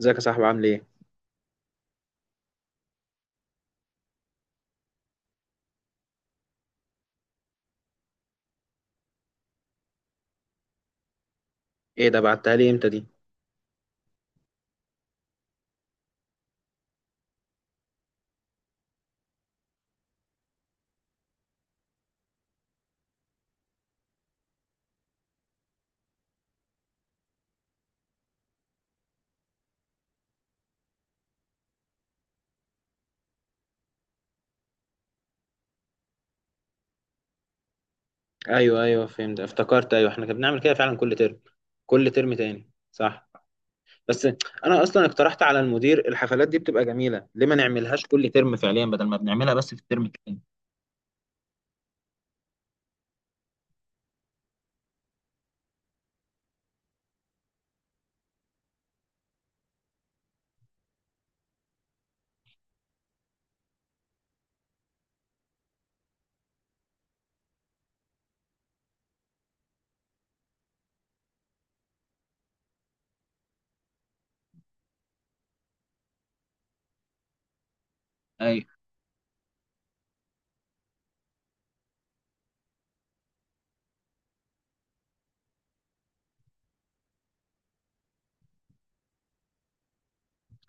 ازيك يا صاحبي عامل ايه؟ ايه ده، بعتها لي امتى دي؟ ايوه ايوه فهمت، افتكرت، ايوه احنا كنا بنعمل كده فعلا كل ترم، كل ترم تاني صح. بس انا اصلا اقترحت على المدير، الحفلات دي بتبقى جميله، ليه ما نعملهاش كل ترم فعليا بدل ما بنعملها بس في الترم التاني؟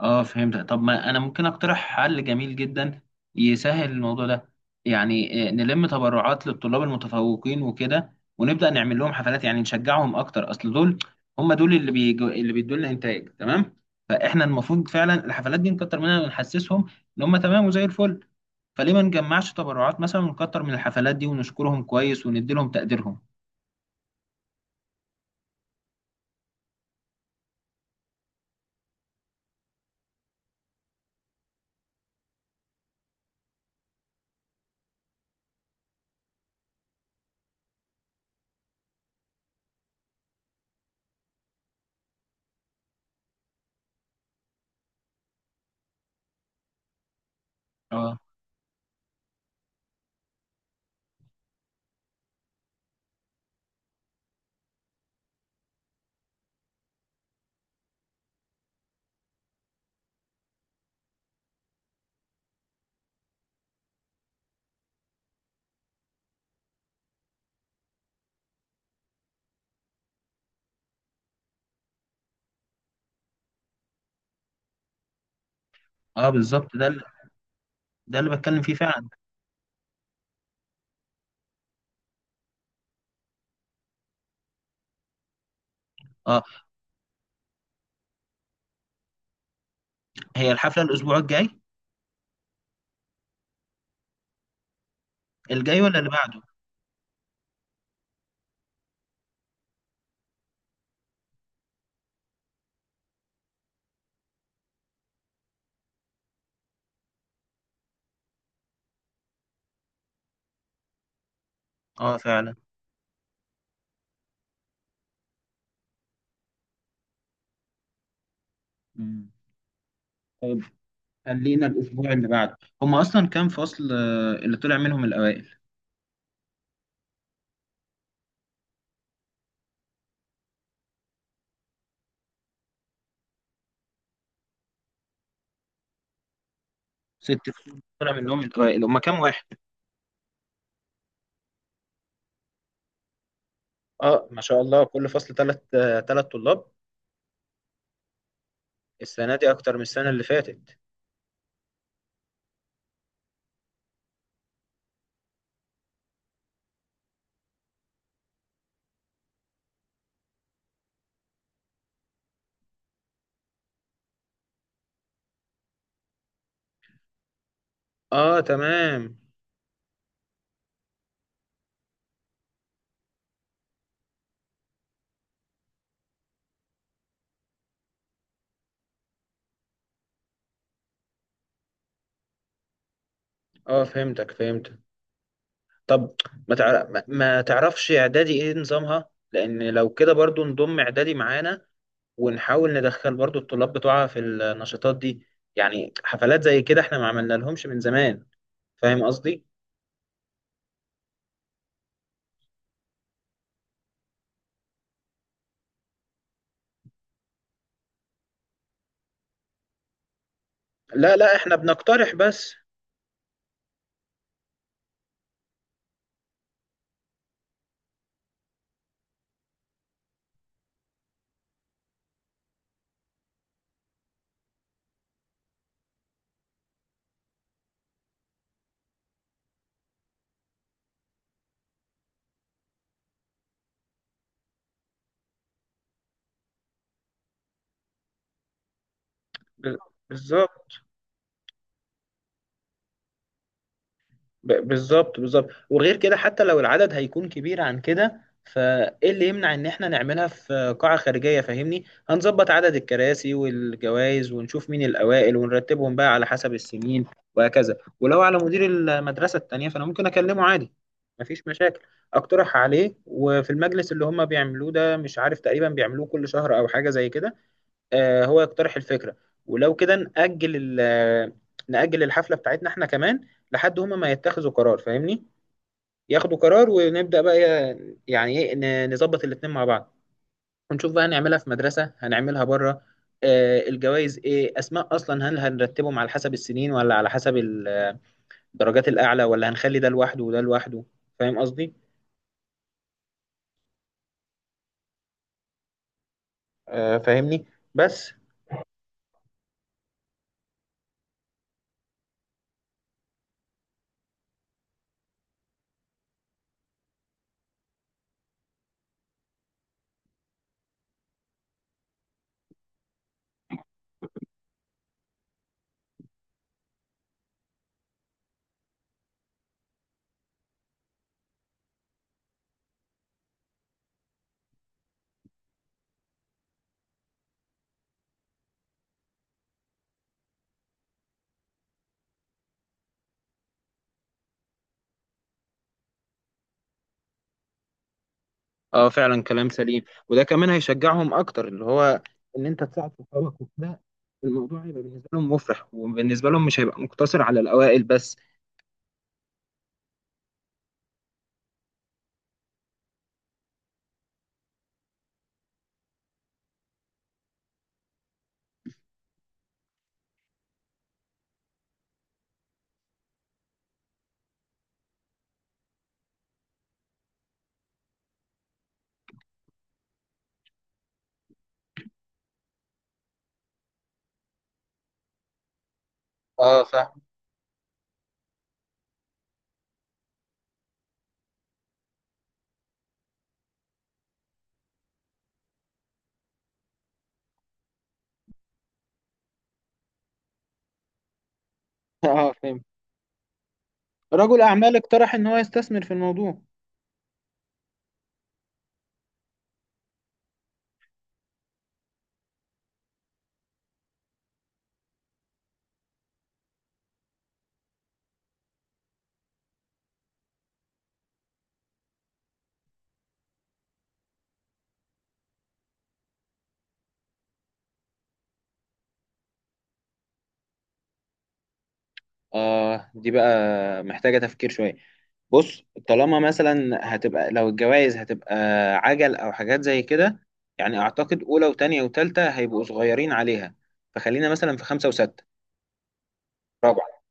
اه فهمت. طب ما انا ممكن اقترح حل جميل جدا يسهل الموضوع ده. يعني نلم تبرعات للطلاب المتفوقين وكده، ونبدأ نعمل لهم حفلات، يعني نشجعهم اكتر، اصل دول هم دول اللي بيجو، اللي بيدوا لنا انتاج. تمام؟ فاحنا المفروض فعلا الحفلات دي نكتر منها ونحسسهم ان هم تمام وزي الفل. فليه ما نجمعش تبرعات مثلا ونكتر من الحفلات دي ونشكرهم كويس وندي لهم تقديرهم؟ اه. اه بالظبط، ده اللي بتكلم فيه فعلا. اه. هي الحفلة الاسبوع الجاي الجاي ولا اللي بعده؟ اه فعلا. مم. طيب، خلينا الأسبوع اللي بعده. هما أصلا كام فصل اللي طلع منهم الأوائل؟ ست فصول طلع منهم الأوائل، هما كام واحد؟ اه ما شاء الله، كل فصل تلات تلات طلاب. السنة دي أكتر من السنة اللي فاتت. اه تمام. اه فهمتك فهمتك. طب ما تعرفش إعدادي إيه نظامها؟ لأن لو كده برضو نضم إعدادي معانا ونحاول ندخل برضو الطلاب بتوعها في النشاطات دي. يعني حفلات زي كده احنا ما عملنا لهمش من زمان. فاهم قصدي؟ لا لا احنا بنقترح بس. ب- بالظبط. بالظبط بالظبط. وغير كده حتى لو العدد هيكون كبير عن كده، فايه اللي يمنع ان احنا نعملها في قاعة خارجية؟ فاهمني، هنظبط عدد الكراسي والجوائز ونشوف مين الاوائل ونرتبهم بقى على حسب السنين وهكذا. ولو على مدير المدرسة التانية فانا ممكن اكلمه عادي، مفيش مشاكل. اقترح عليه، وفي المجلس اللي هم بيعملوه ده، مش عارف تقريبا بيعملوه كل شهر او حاجة زي كده، هو يقترح الفكرة. ولو كده نأجل نأجل الحفلة بتاعتنا احنا كمان لحد هما ما يتخذوا قرار، فاهمني، ياخدوا قرار، ونبدأ بقى يعني ايه، نظبط الاتنين مع بعض، ونشوف بقى هنعملها في مدرسة هنعملها بره. الجوائز ايه اسماء اصلا، هل هنرتبهم على حسب السنين ولا على حسب الدرجات الاعلى، ولا هنخلي ده لوحده وده لوحده؟ فاهم قصدي؟ فاهمني؟ بس. اه فعلا كلام سليم، وده كمان هيشجعهم اكتر، اللي هو ان انت تساعد صحابك وكده. الموضوع هيبقى بالنسبه لهم مفرح، وبالنسبه لهم مش هيبقى مقتصر على الاوائل بس. اه فاهم. اه فاهم. رجل اعمال اقترح ان هو يستثمر في الموضوع. اه دي بقى محتاجه تفكير شويه. بص، طالما مثلا هتبقى، لو الجوائز هتبقى عجل او حاجات زي كده، يعني اعتقد اولى وتانية وتالتة هيبقوا صغيرين عليها. فخلينا مثلا في خمسة وستة، رابعة.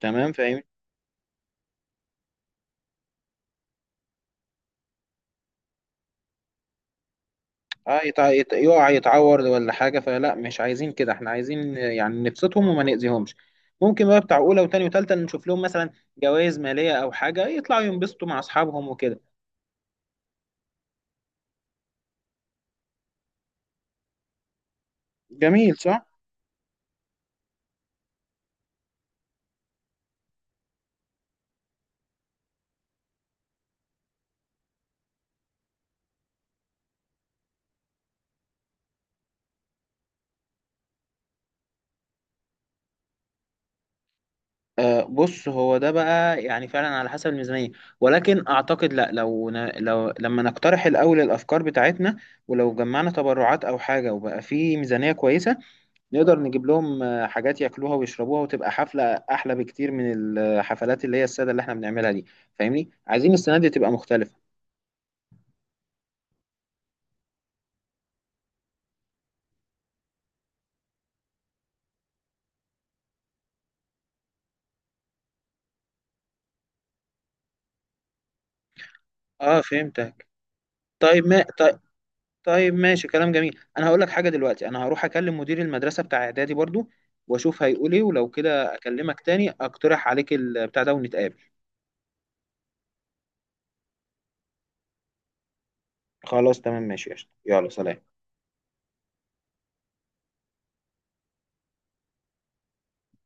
تمام فاهم. يقع يتعور ولا حاجة، فلا مش عايزين كده، احنا عايزين يعني نبسطهم وما نأذيهمش. ممكن بقى بتاع أولى وتانية وتالتة نشوف لهم مثلا جوائز مالية أو حاجة، يطلعوا ينبسطوا مع أصحابهم وكده. جميل، صح؟ آه بص، هو ده بقى يعني فعلا على حسب الميزانية، ولكن أعتقد لا، لو لما نقترح الأول الأفكار بتاعتنا، ولو جمعنا تبرعات أو حاجة وبقى في ميزانية كويسة، نقدر نجيب لهم حاجات ياكلوها ويشربوها، وتبقى حفلة احلى بكتير من الحفلات اللي هي السادة اللي احنا بنعملها دي. فاهمني، عايزين السنة دي تبقى مختلفة. اه فهمتك. طيب ما طيب, طيب ماشي، كلام جميل. انا هقول لك حاجة دلوقتي، انا هروح اكلم مدير المدرسة بتاع اعدادي برضو واشوف هيقول ايه، ولو كده اكلمك تاني اقترح عليك البتاع ده ونتقابل. خلاص تمام ماشي يا قشطة. يلا سلام.